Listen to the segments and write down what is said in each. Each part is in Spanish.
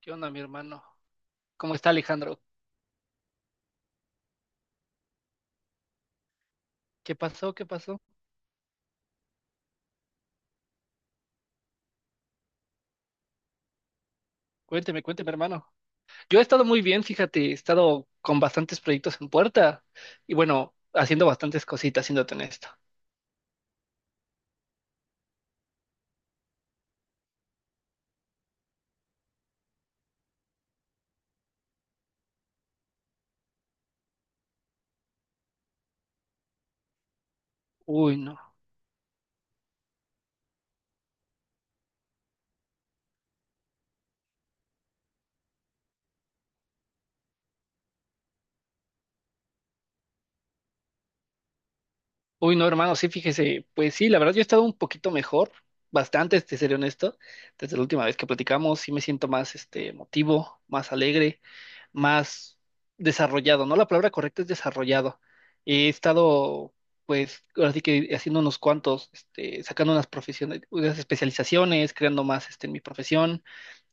¿Qué onda, mi hermano? ¿Cómo está Alejandro? ¿Qué pasó? ¿Qué pasó? Cuénteme, cuénteme, hermano. Yo he estado muy bien, fíjate, he estado con bastantes proyectos en puerta y bueno, haciendo bastantes cositas, siéndote honesto. Uy, no. Uy, no, hermano, sí, fíjese. Pues sí, la verdad yo he estado un poquito mejor, bastante, te seré honesto. Desde la última vez que platicamos, sí me siento más, este, emotivo, más alegre. Más desarrollado, ¿no? La palabra correcta es desarrollado. He estado, pues, ahora sí que haciendo unos cuantos, este, sacando unas profesiones, unas especializaciones, creando más, este, en mi profesión.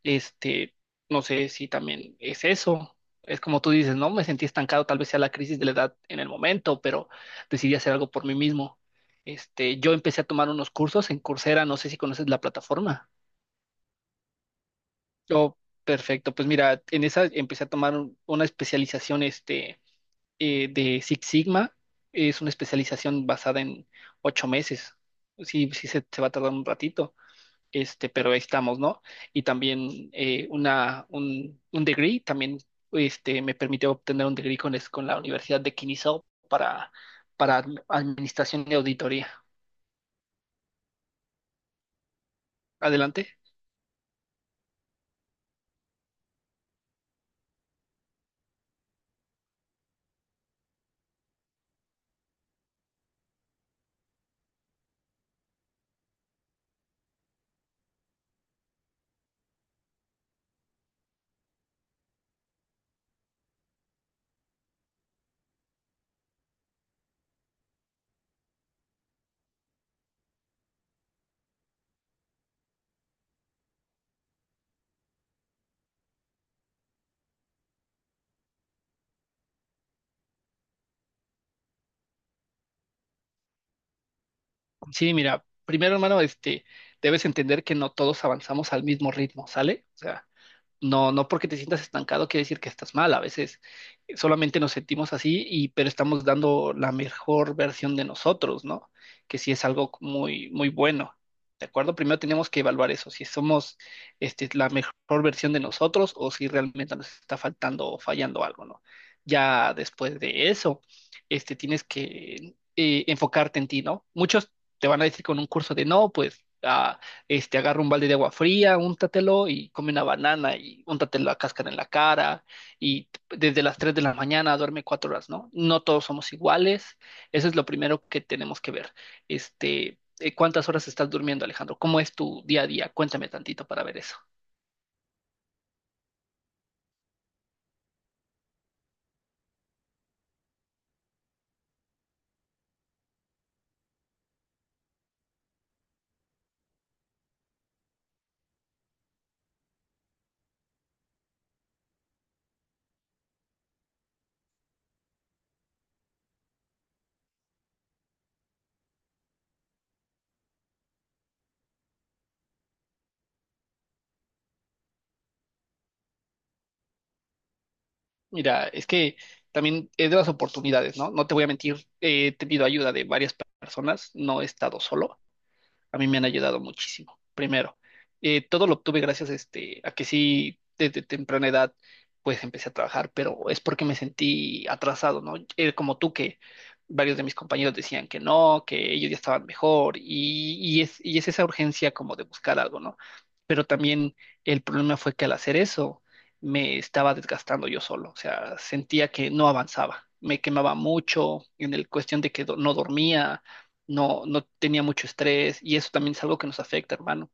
Este, no sé si también es eso. Es como tú dices, ¿no? Me sentí estancado, tal vez sea la crisis de la edad en el momento, pero decidí hacer algo por mí mismo. Este, yo empecé a tomar unos cursos en Coursera, no sé si conoces la plataforma. Oh, perfecto. Pues mira, en esa empecé a tomar una especialización, este, de Six Sigma. Es una especialización basada en 8 meses. Sí, sí se va a tardar un ratito, este, pero ahí estamos, ¿no? Y también un degree, también este, me permitió obtener un degree con la Universidad de Kinizhau para, para administración y auditoría. Adelante. Sí, mira, primero, hermano, este, debes entender que no todos avanzamos al mismo ritmo, ¿sale? O sea, no, no porque te sientas estancado quiere decir que estás mal. A veces solamente nos sentimos así y pero estamos dando la mejor versión de nosotros, ¿no? Que sí es algo muy muy bueno. ¿De acuerdo? Primero tenemos que evaluar eso, si somos este, la mejor versión de nosotros o si realmente nos está faltando o fallando algo, ¿no? Ya después de eso, este, tienes que enfocarte en ti, ¿no? Muchos te van a decir con un curso de no, pues este, agarra un balde de agua fría, úntatelo y come una banana y úntatelo la cáscara en la cara y desde las 3 de la mañana duerme 4 horas, ¿no? No todos somos iguales, eso es lo primero que tenemos que ver. Este, ¿cuántas horas estás durmiendo, Alejandro? ¿Cómo es tu día a día? Cuéntame tantito para ver eso. Mira, es que también es de las oportunidades, ¿no? No te voy a mentir, he tenido ayuda de varias personas, no he estado solo, a mí me han ayudado muchísimo. Primero, todo lo obtuve gracias este, a que sí, desde temprana edad, pues empecé a trabajar, pero es porque me sentí atrasado, ¿no? Como tú, que varios de mis compañeros decían que no, que ellos ya estaban mejor, y es esa urgencia como de buscar algo, ¿no? Pero también el problema fue que al hacer eso me estaba desgastando yo solo, o sea, sentía que no avanzaba, me quemaba mucho en el cuestión de que no dormía, no, no tenía mucho estrés y eso también es algo que nos afecta, hermano.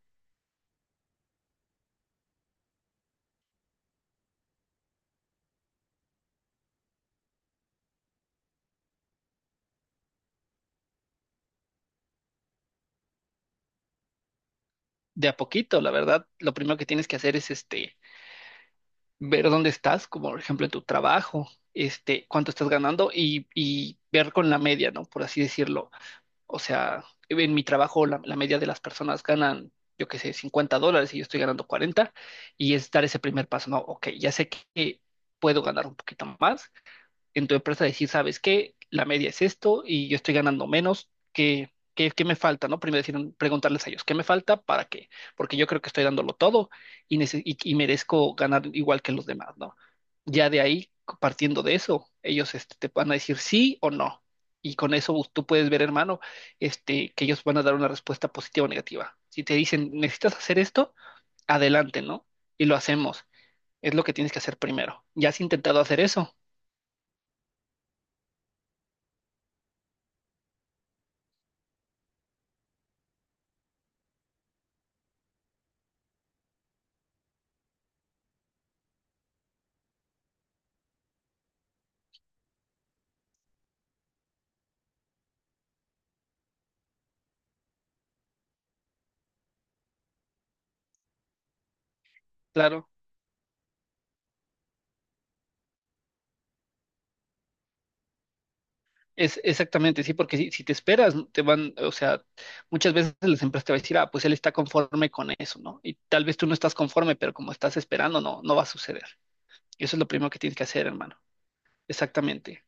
De a poquito, la verdad, lo primero que tienes que hacer es este, ver dónde estás, como por ejemplo en tu trabajo, este, cuánto estás ganando y ver con la media, ¿no? Por así decirlo. O sea, en mi trabajo la media de las personas ganan, yo qué sé, $50 y yo estoy ganando 40 y es dar ese primer paso. No, ok, ya sé que puedo ganar un poquito más, en tu empresa decir, ¿sabes qué? La media es esto y yo estoy ganando menos, ¿qué me falta? ¿No? Primero decir, preguntarles a ellos, ¿qué me falta? ¿Para qué? Porque yo creo que estoy dándolo todo y merezco ganar igual que los demás, ¿no? Ya de ahí, partiendo de eso, ellos este, te van a decir sí o no. Y con eso pues, tú puedes ver, hermano, este, que ellos van a dar una respuesta positiva o negativa. Si te dicen, necesitas hacer esto, adelante, ¿no? Y lo hacemos. Es lo que tienes que hacer primero. ¿Ya has intentado hacer eso? Claro. Es exactamente, sí, porque si te esperas, te van, o sea, muchas veces las empresas te van a decir, ah, pues él está conforme con eso, ¿no? Y tal vez tú no estás conforme, pero como estás esperando, no, no va a suceder. Y eso es lo primero que tienes que hacer, hermano. Exactamente.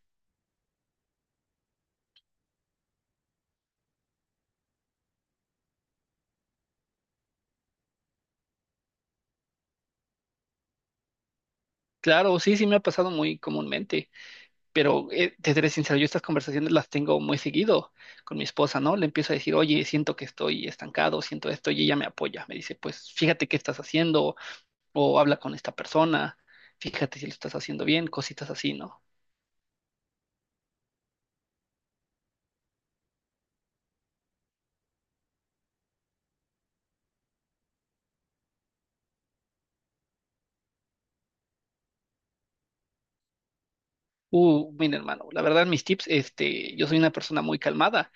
Claro, sí, sí me ha pasado muy comúnmente, pero te seré sincero, yo estas conversaciones las tengo muy seguido con mi esposa, ¿no? Le empiezo a decir, oye, siento que estoy estancado, siento esto, y ella me apoya, me dice, pues fíjate qué estás haciendo, o habla con esta persona, fíjate si lo estás haciendo bien, cositas así, ¿no? Mira, hermano, la verdad, mis tips, este, yo soy una persona muy calmada.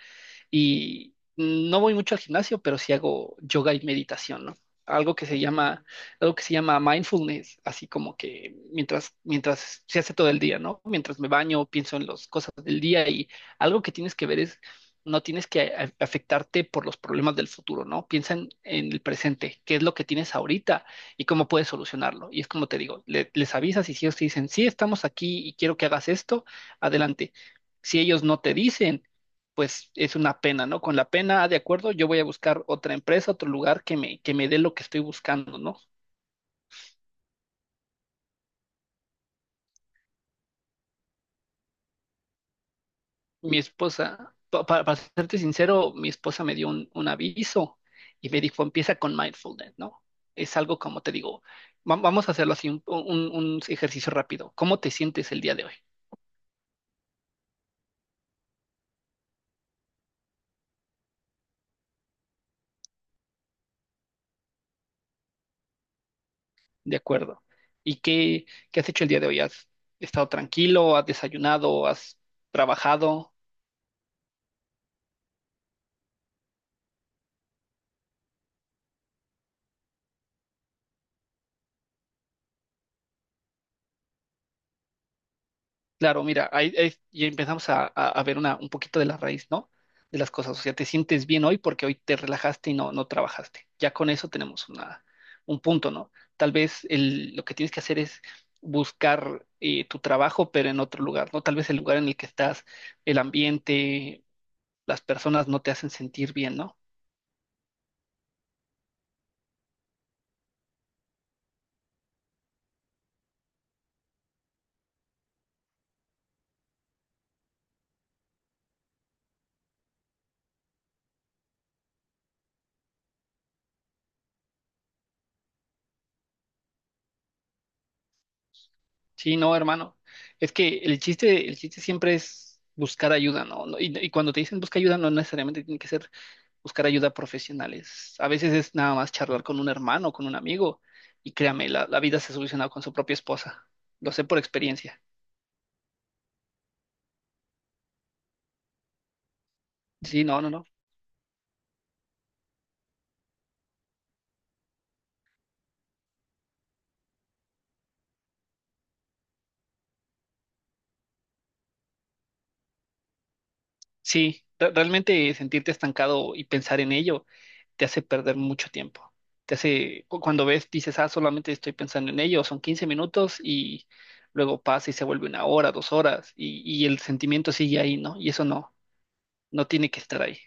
Y no voy mucho al gimnasio, pero sí hago yoga y meditación, ¿no? Algo que se llama, algo que se llama mindfulness, así como que mientras se hace todo el día, ¿no? Mientras me baño, pienso en las cosas del día y algo que tienes que ver es, no tienes que afectarte por los problemas del futuro, ¿no? Piensa en el presente, qué es lo que tienes ahorita y cómo puedes solucionarlo. Y es como te digo, les avisas y si ellos te dicen, sí, estamos aquí y quiero que hagas esto, adelante. Si ellos no te dicen, pues es una pena, ¿no? Con la pena, ah, de acuerdo, yo voy a buscar otra empresa, otro lugar que me dé lo que estoy buscando, ¿no? Mi esposa, para, serte sincero, mi esposa me dio un aviso y me dijo, empieza con mindfulness, ¿no? Es algo como te digo, vamos a hacerlo así, un ejercicio rápido. ¿Cómo te sientes el día de hoy? De acuerdo. ¿Y qué has hecho el día de hoy? ¿Has estado tranquilo? ¿Has desayunado? ¿Has trabajado? Claro, mira, ahí ya empezamos a ver una, un poquito de la raíz, ¿no? De las cosas. O sea, te sientes bien hoy porque hoy te relajaste y no, no trabajaste. Ya con eso tenemos un punto, ¿no? Tal vez lo que tienes que hacer es buscar tu trabajo, pero en otro lugar, ¿no? Tal vez el lugar en el que estás, el ambiente, las personas no te hacen sentir bien, ¿no? Sí, no, hermano. Es que el chiste siempre es buscar ayuda, ¿no? No. Y cuando te dicen busca ayuda, no necesariamente tiene que ser buscar ayuda profesionales. A veces es nada más charlar con un hermano, con un amigo, y créame, la vida se soluciona con su propia esposa. Lo sé por experiencia. Sí, no, no, no. Sí, realmente sentirte estancado y pensar en ello te hace perder mucho tiempo. Te hace, cuando ves, dices, ah, solamente estoy pensando en ello, son 15 minutos y luego pasa y se vuelve 1 hora, 2 horas, y el sentimiento sigue ahí, ¿no? Y eso no, no tiene que estar ahí.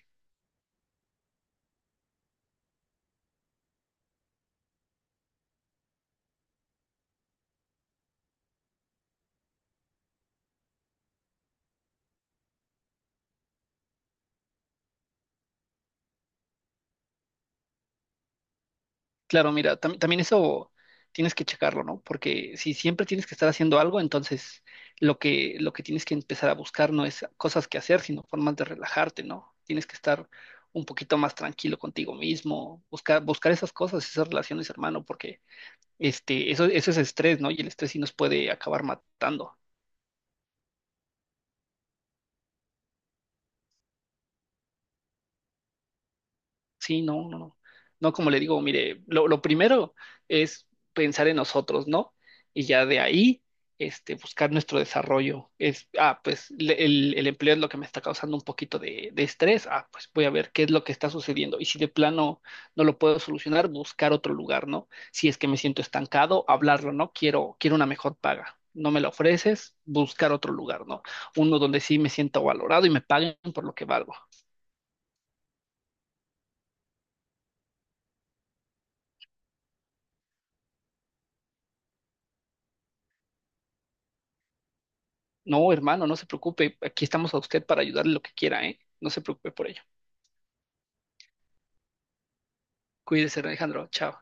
Claro, mira, también eso tienes que checarlo, ¿no? Porque si siempre tienes que estar haciendo algo, entonces lo que tienes que empezar a buscar no es cosas que hacer, sino formas de relajarte, ¿no? Tienes que estar un poquito más tranquilo contigo mismo, buscar esas cosas, esas relaciones, hermano, porque este, eso es estrés, ¿no? Y el estrés sí nos puede acabar matando. Sí, no, no, no. No, como le digo, mire, lo primero es pensar en nosotros, ¿no? Y ya de ahí, este, buscar nuestro desarrollo. Es, ah, pues el empleo es lo que me está causando un poquito de estrés. Ah, pues voy a ver qué es lo que está sucediendo. Y si de plano no lo puedo solucionar, buscar otro lugar, ¿no? Si es que me siento estancado, hablarlo, ¿no? Quiero una mejor paga. No me la ofreces, buscar otro lugar, ¿no? Uno donde sí me siento valorado y me paguen por lo que valgo. No, hermano, no se preocupe. Aquí estamos a usted para ayudarle lo que quiera, ¿eh? No se preocupe por ello. Cuídese, Alejandro. Chao.